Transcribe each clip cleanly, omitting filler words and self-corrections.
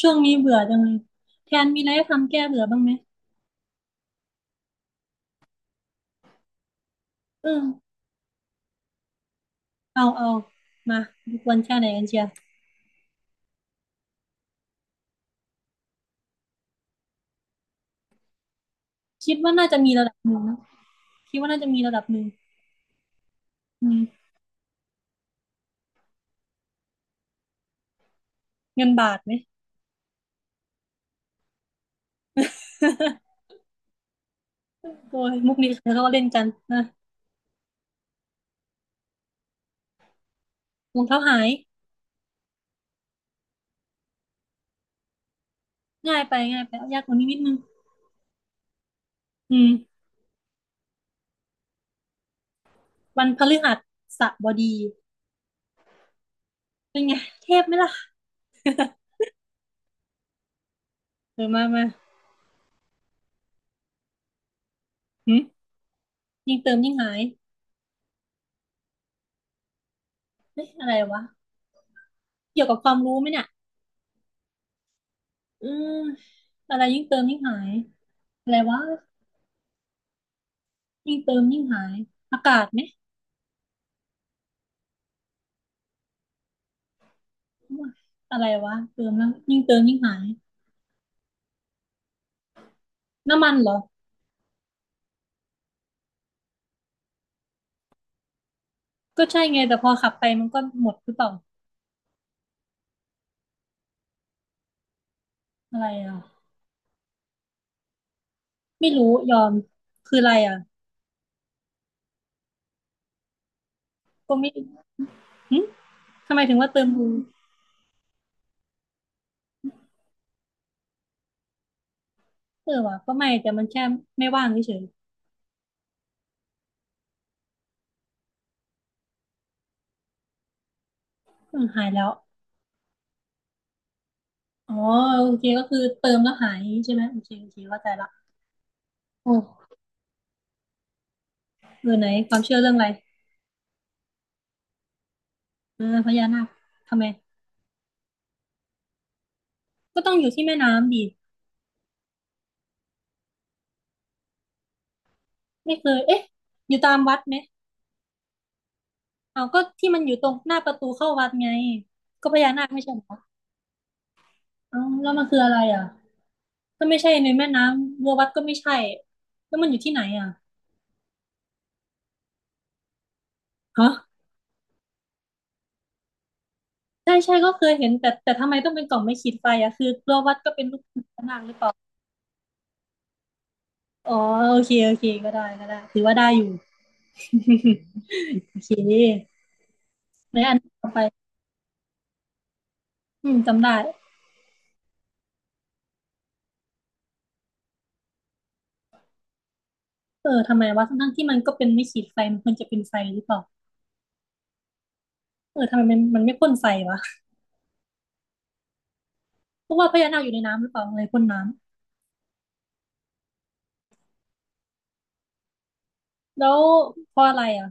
ช่วงนี้เบื่อจังเลยแทนมีอะไรให้ทำแก้เบื่อบ้างไหมเออเอาเอามาดูควรแค่ไหนกันเชียวคิดว่าน่าจะมีระดับหนึ่งนะคิดว่าน่าจะมีระดับหนึ่งอืมเงินบาทไหม โอ้ยมุกนี้เดี๋ยวเขาก็เล่นกันนะรองเท้าหายง่ายไปง่ายไปเอายากกว่านี้นิดนึงอืมวันพฤหัสบดีเป็นไงเทพไหมล่ะเออมามาหึยิ่งเติมยิ่งหายเฮ้ยอะไรวะเกี่ยวกับความรู้ไหมเนี่ยอืมอะไรยิ่งเติมยิ่งหายอะไรวะ ยิ่งเติมยิ่งหายอากาศไหมอะไรวะเติมแล้วยิ่งเติมยิ่งหายน้ำมันเหรอก็ใช่ไงแต่พอขับไปมันก็หมดหรือเปล่าอะไรอ่ะไม่รู้ยอมคืออะไรอ่ะก็ไม่หึทำไมถึงว่าเติมดูเออวะก็ไม่แต่มันแค่ไม่ว่างเฉยๆหายแล้วอ๋อโอเคก็คือเติมแล้วหายใช่ไหมโอเคโอเคเข้าใจละโอ้เออไหนความเชื่อเรื่องอะไรเออพญานาคทำไมก็ต้องอยู่ที่แม่น้ำดิไม่เคยเอ๊ะอยู่ตามวัดไหม เอาก็ที่มันอยู่ตรงหน้าประตูเข้าวัดไงก็พญานาคไม่ใช่เหรอเอาแล้วมันคืออะไรอ่ะก็ไม่ใช่ในแม่น้ำรัววัดก็ไม่ใช่แล้วมันอยู่ที่ไหนอ่ะฮะใช่ใช่ก็เคยเห็นแต่ทำไมต้องเป็นกล่องไม่ขีดไฟอ่ะคือรัววัดก็เป็นรูปพญานาคหรือเปล่าอ๋อโอเคโอเคก็ได้ก็ได้ถือว่าได้อยู่ โอเคในอันต่อไปจำได้เออทำไมวะทั้งๆที่มันก็เป็นไม่ขีดไฟมันควรจะเป็นไฟหรือเปล่าเออทำไมมันไม่พ่นไฟวะเพราะว่าพญานาคอยู่ในน้ำหรือเปล่าอะไรพ่นน้ แล้วเพราะอะไรอ่ะ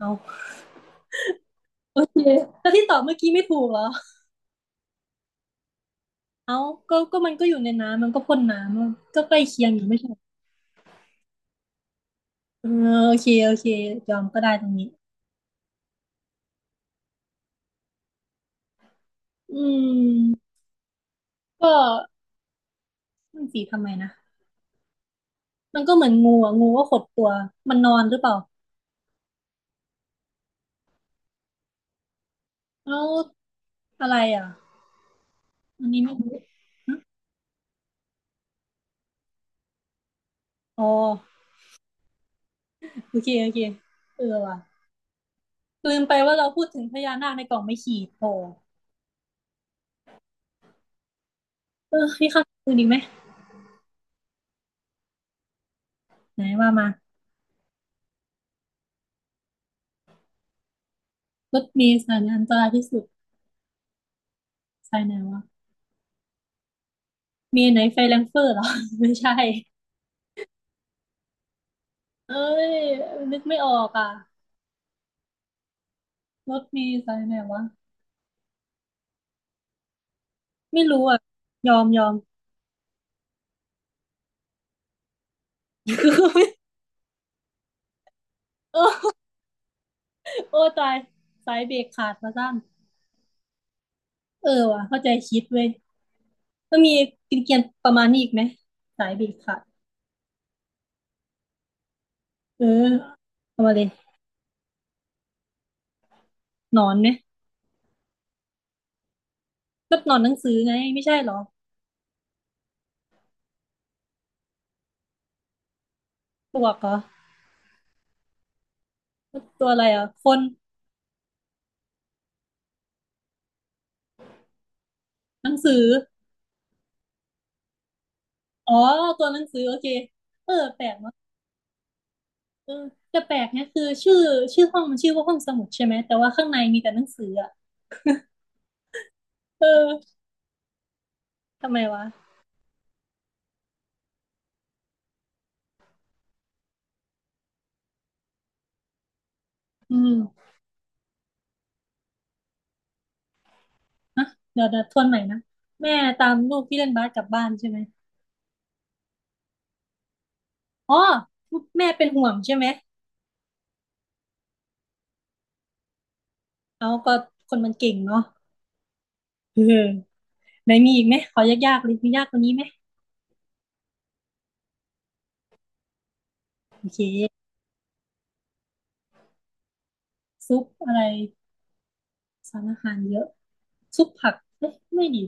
เอาโอเคแล้วที่ตอบเมื่อกี้ไม่ถูกเหรอเอาก็มันก็อยู่ในน้ำมันก็พ่นน้ำอะก็ใกล้เคียงอยู่ไม่ใช่เหรอเออโอเคโอเคยอมก็ได้ตรงนี้อืมก็มันสีทำไมนะมันก็เหมือนงูอ่ะงูก็ขดตัวมันนอนหรือเปล่าแล้วอะไรอ่ะอันนี้ไม่รู้อ๋อโอเคโอเคเออว่ะลืมไปว่าเราพูดถึงพญานาคในกล่องไม่ขีดโผเออพี่ข้าคืนอีกไหมไหนว่ามารถเมล์สายไหนอันตรายที่สุดสายไหนวะ มีไหนไฟแรงเฟอร์เหรอ ไม่ใช่เอ้ยนึกไม่ออกอ่ะรถมีสายไหนวะไม่รู้อ่ะยอมยอม โอ้ตายสายเบรกขาดมาสั้นเออว่ะเข้าใจคิดเว้ยมันมีกินเกียนๆประมาณนี้อีกไหมสายเบรกขาดเออเอามาเลยหนอนไหมก็หนอนหนังสือไงไม่ใช่เหรอปลวกเหรอตัวอะไรอ่ะคนหนังสืออ๋อตัวหนังสือโอเคเออแปลกเนอะ เออแต่แปลกเนี่ยคือชื่อชื่อห้องมันชื่อว่าห้องสมุดใช่ไหมแต่ว่าข้างในมีแต่หนังสืออ่ะเออทำไมวะอืมนะเดี๋ยวเดี๋ยวทวนใหม่นะแม่ตามลูกที่เล่นบาสกลับบ้านใช่ไหมอ๋อแม่เป็นห่วงใช่ไหมเอาก็คนมันเก่งเนาะ เออไหนมีอีกไหมขอยากๆเลยมียากกว่านี้ไหมโอเคซุปอะไรสารอาหารเยอะซุปผักเอ๊ะไม่ดี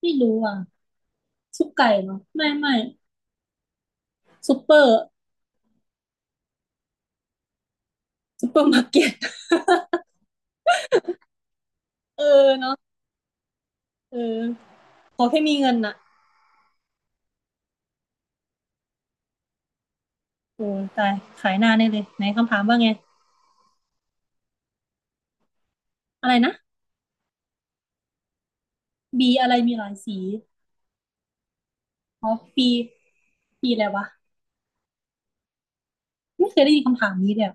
ไม่รู้อ่ะซุปไก่เหรอไม่ไม่ซุปเปอร์ซุปเปอร์มาร์เก็ต เออเนาะเออ ขอแค่มีเงินน่ะโอ้ตายขายหน้าแน่เลยไหนคำถามว่าไง อะไรนะ B อะไรมีหลายสีอ๋อ B B อะไรวะไม่เคยได้ยินคำถามนี้เลยอะ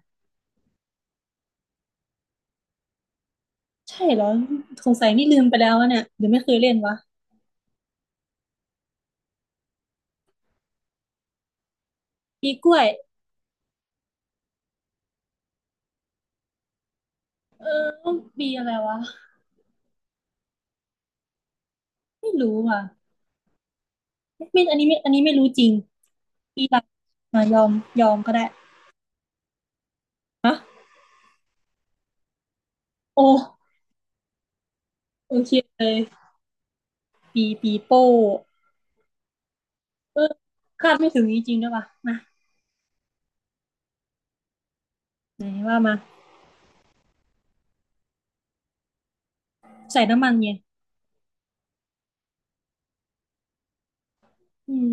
ใช่เหรอสงสัยนี่ลืมไปแล้ววะเนี่ยหรือไม่เคยเล่นวะ B กล้วยเออ B อะไรวะไม่รู้ว่ะไม่อันนี้ไม่รู้จริง B ีอะไรมายอม ยอมก็ได้ฮะโอ้โอเคเลย B ปีโป้เออคาดไม่ถึงจริงๆด้วยว่ะมาไหนว่ามาใส่น้ำมันไงอืม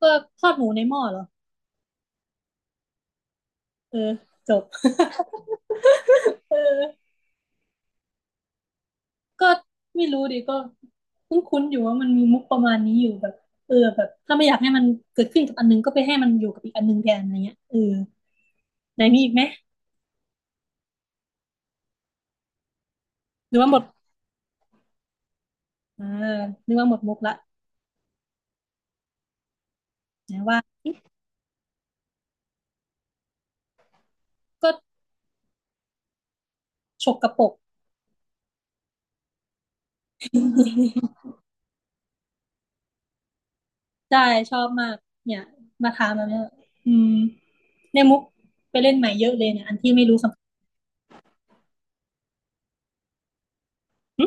ก็ทอดหมูในหม้อเหรอเออจบเออก็ไม่รู้ดิก็คุ้นๆอยู่ว่ามันมีมุกประมาณนี้อยู่แบบเออแบบถ้าไม่อยากให้มันเกิดขึ้นกับอันนึงก็ไปให้มันอยู่กับอีกอันนึงแทนอะไรเงี้ยเออไหนมีอีกไหมหรือว่าหมดอ่านึกว่าหมดมุกละไหนว่าอิ๊ะก็ฉกกระปกได้ชอบมากเนี่ยมาถามแบบเนี้ยอืมในมุกไปเล่นใหม่เยอะเลยเนี่ยอันที่ไม่รู้คำหึ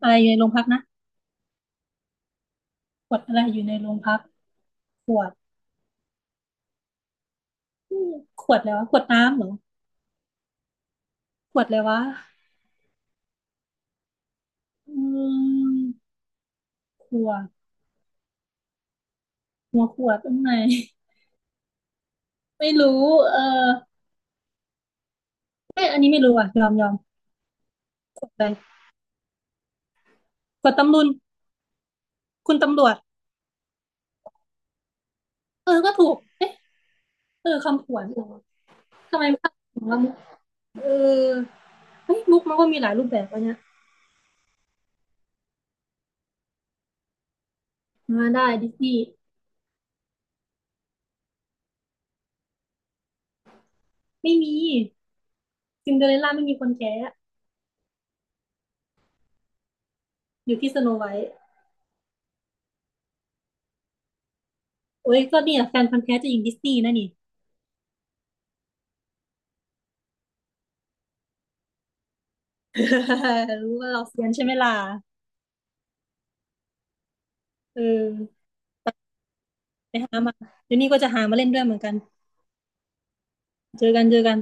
อะไรอยู่ในโรงพักนะขวดอะไรอยู่ในโรงพักขวดอืมขวดแล้วะขวดน้ำเหรอ ขวดเลยวะอืมขวดหัวขวดตรงไหน ไม่รู้เออไม่อันนี้ไม่รู้อ่ะยอมยอมขวดอะไรขวดตำรุนคุณตำรวจเออก็ถูกเอ๊ะเออคำขวัญเออทำไมภาคของเรามุกเออเฮ้ยมุกมันก็มีหลายรูปแบบวะเนี่ยมาได้ดิสนีย์ไม่มีซินเดอเรลล่าไม่มีคนแท้อยู่ที่สโนไวท์โอ้ยก็เนี่ยแฟนพันธุ์แท้จะหญิงดิสนีย์นะนี่ รู้ว่าเราเซียนใช่ไหมล่ะเออไปหามาเดี๋ยวนี้ก็จะหามาเล่นด้วยเหมือนกัน เจอกันเจอกัน